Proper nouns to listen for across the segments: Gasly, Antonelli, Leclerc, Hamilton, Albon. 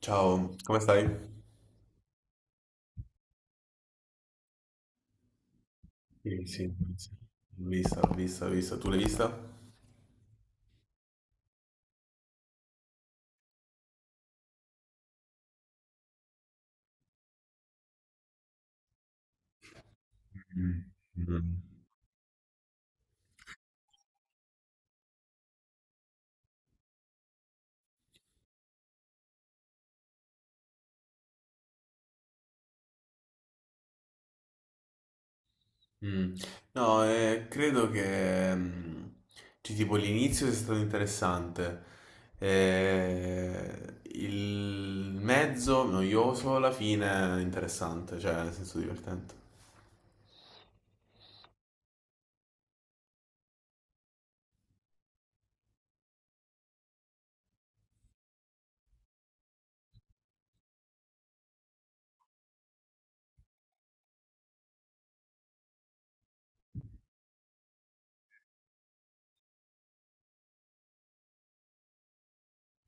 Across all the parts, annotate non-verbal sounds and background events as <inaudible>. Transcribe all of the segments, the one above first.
Ciao, come stai? Sì, sì, sì. L'ho vista. Tu l'hai vista? Mm, mm. Mm. No, credo che cioè, tipo l'inizio sia stato interessante, il mezzo noioso, la fine interessante, cioè nel senso divertente.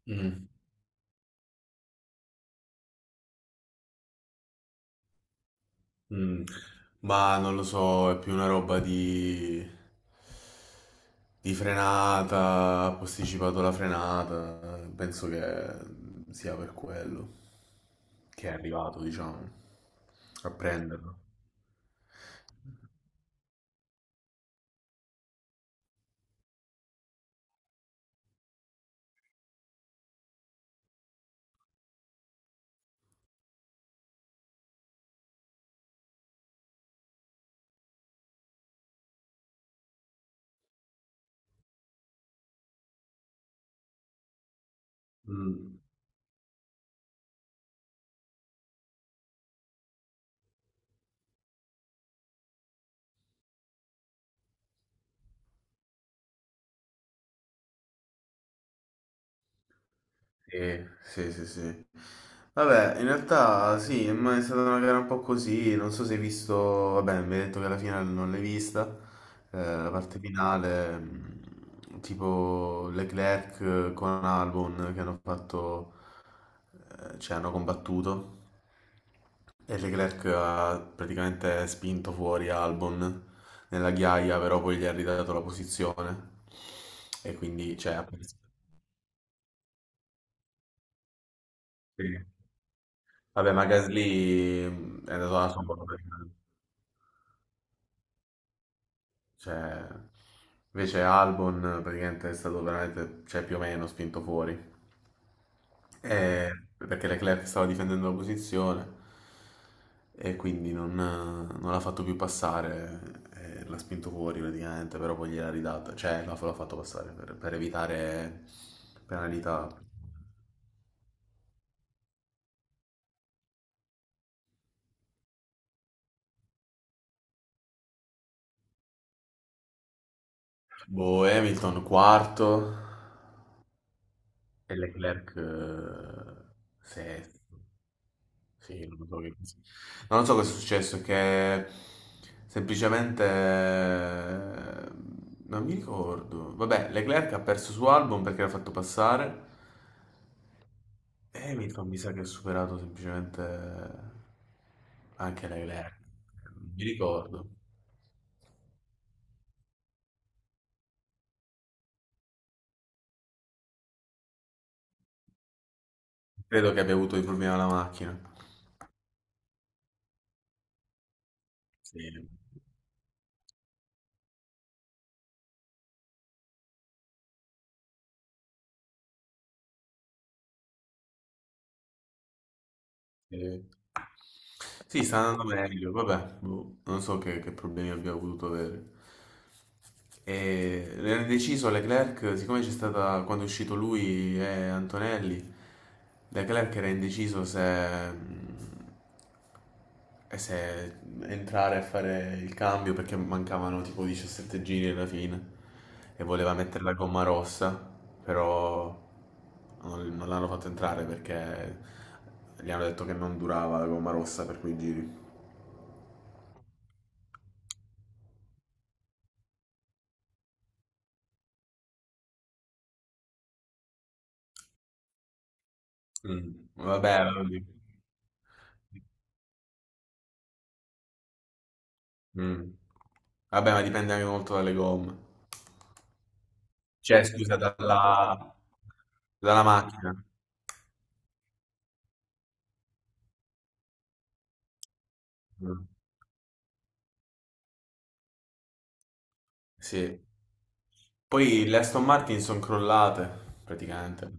Mm, mm. Ma non lo so, è più una roba di frenata, ha posticipato la frenata, penso che sia per quello che è arrivato, diciamo, a prenderlo. Mm. Sì, sì, sì, sì. Vabbè, in realtà sì, ma è stata una gara un po' così, non so se hai visto, vabbè, mi hai detto che alla finale non l'hai vista, la parte finale, tipo Leclerc con Albon che hanno fatto, cioè hanno combattuto e Leclerc ha praticamente spinto fuori Albon nella ghiaia, però poi gli ha ridato la posizione e quindi, cioè, ha perso. Sì. Vabbè, ma Gasly è andato alla sua prima. Cioè, invece Albon praticamente è stato veramente, cioè, più o meno spinto fuori. Eh, perché Leclerc stava difendendo la posizione e quindi non l'ha fatto più passare, l'ha spinto fuori praticamente, però poi gliel'ha ridata, cioè l'ha fatto passare per evitare penalità. Boh, Hamilton quarto, e Leclerc sesto. Sì, non so che pensi. Non so cosa è successo, che semplicemente non mi ricordo. Vabbè, Leclerc ha perso su Albon perché l'ha fatto passare e Hamilton mi sa che ha superato semplicemente anche Leclerc. Non mi ricordo. Credo che abbia avuto dei problemi alla macchina. Sì. Sì. Sì, sta andando meglio, vabbè, boh, non so che problemi abbiamo potuto avere. E era deciso Leclerc, siccome c'è stata, quando è uscito lui e Antonelli, Leclerc era indeciso se entrare a fare il cambio perché mancavano tipo 17 giri alla fine e voleva mettere la gomma rossa, però non l'hanno fatto entrare perché gli hanno detto che non durava la gomma rossa per quei giri. Mm. Vabbè, allora dico. Mm. Vabbè, ma dipende anche molto dalle gomme. Cioè, scusa, dalla macchina. Mm. Sì. Poi le Aston Martin sono crollate, praticamente.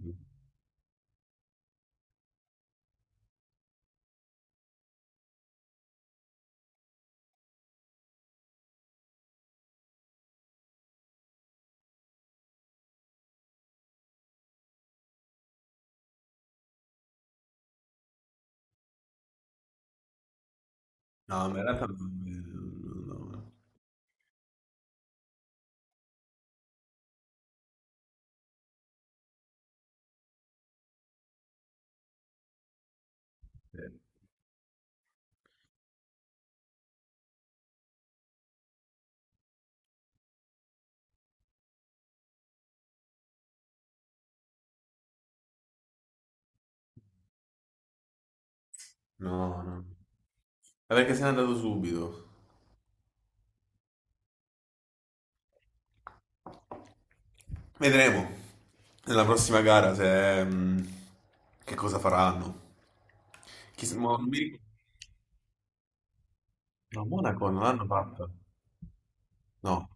No, ma in realtà no, no, no. No. Ma perché se n'è andato subito? Vedremo nella prossima gara se, mm, che cosa faranno. Chissà, mo- non mi ric- no, Monaco non l'hanno fatta. No,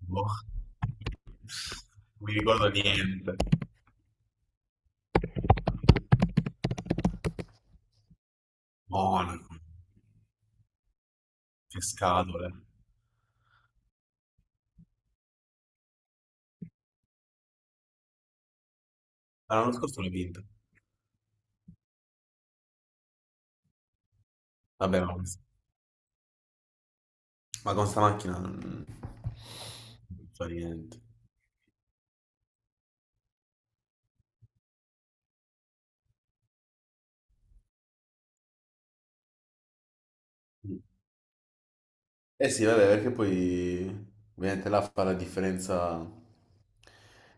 boh, non mi ricordo niente. Monaco, che scatole. Ah, l'anno scorso l'ho vinta. Vabbè, ma con sta macchina non fa niente. Eh sì, vabbè, perché poi ovviamente là fa la differenza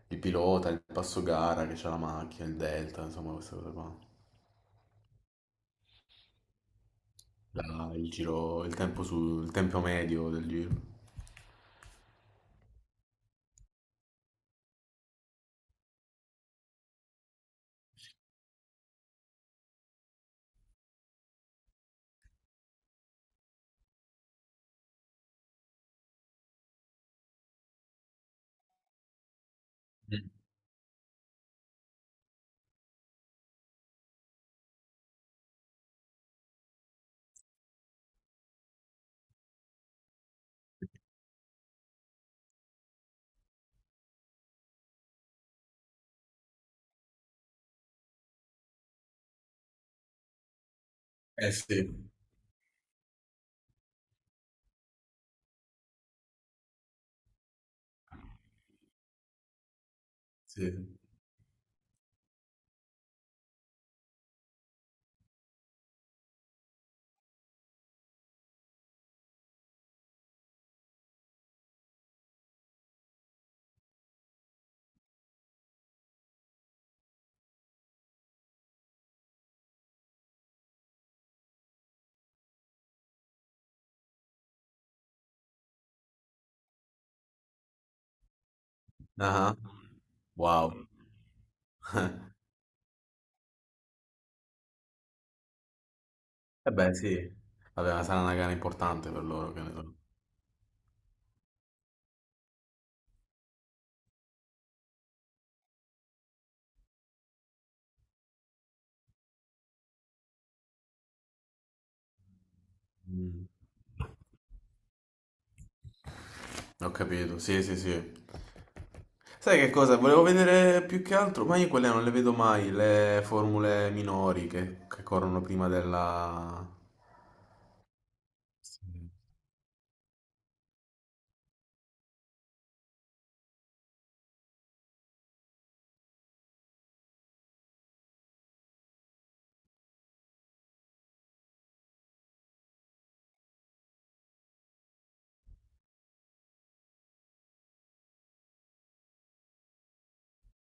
il pilota, il passo gara che c'ha la macchina, il delta, insomma queste cose qua. Il giro, il tempo medio del giro. Mm. Eh sì, sì. Ah, wow. <laughs> Eh beh sì, vabbè, ma sarà una gara importante per loro, che ne so. Mm. Ho capito, sì, sì, sì. Sai che cosa? Volevo vedere più che altro, ma io quelle non le vedo mai, le formule minori che corrono prima della… Sì,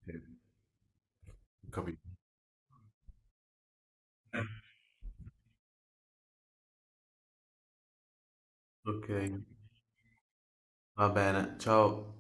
sì. Ho capito. Eh, Ok, va bene, ciao.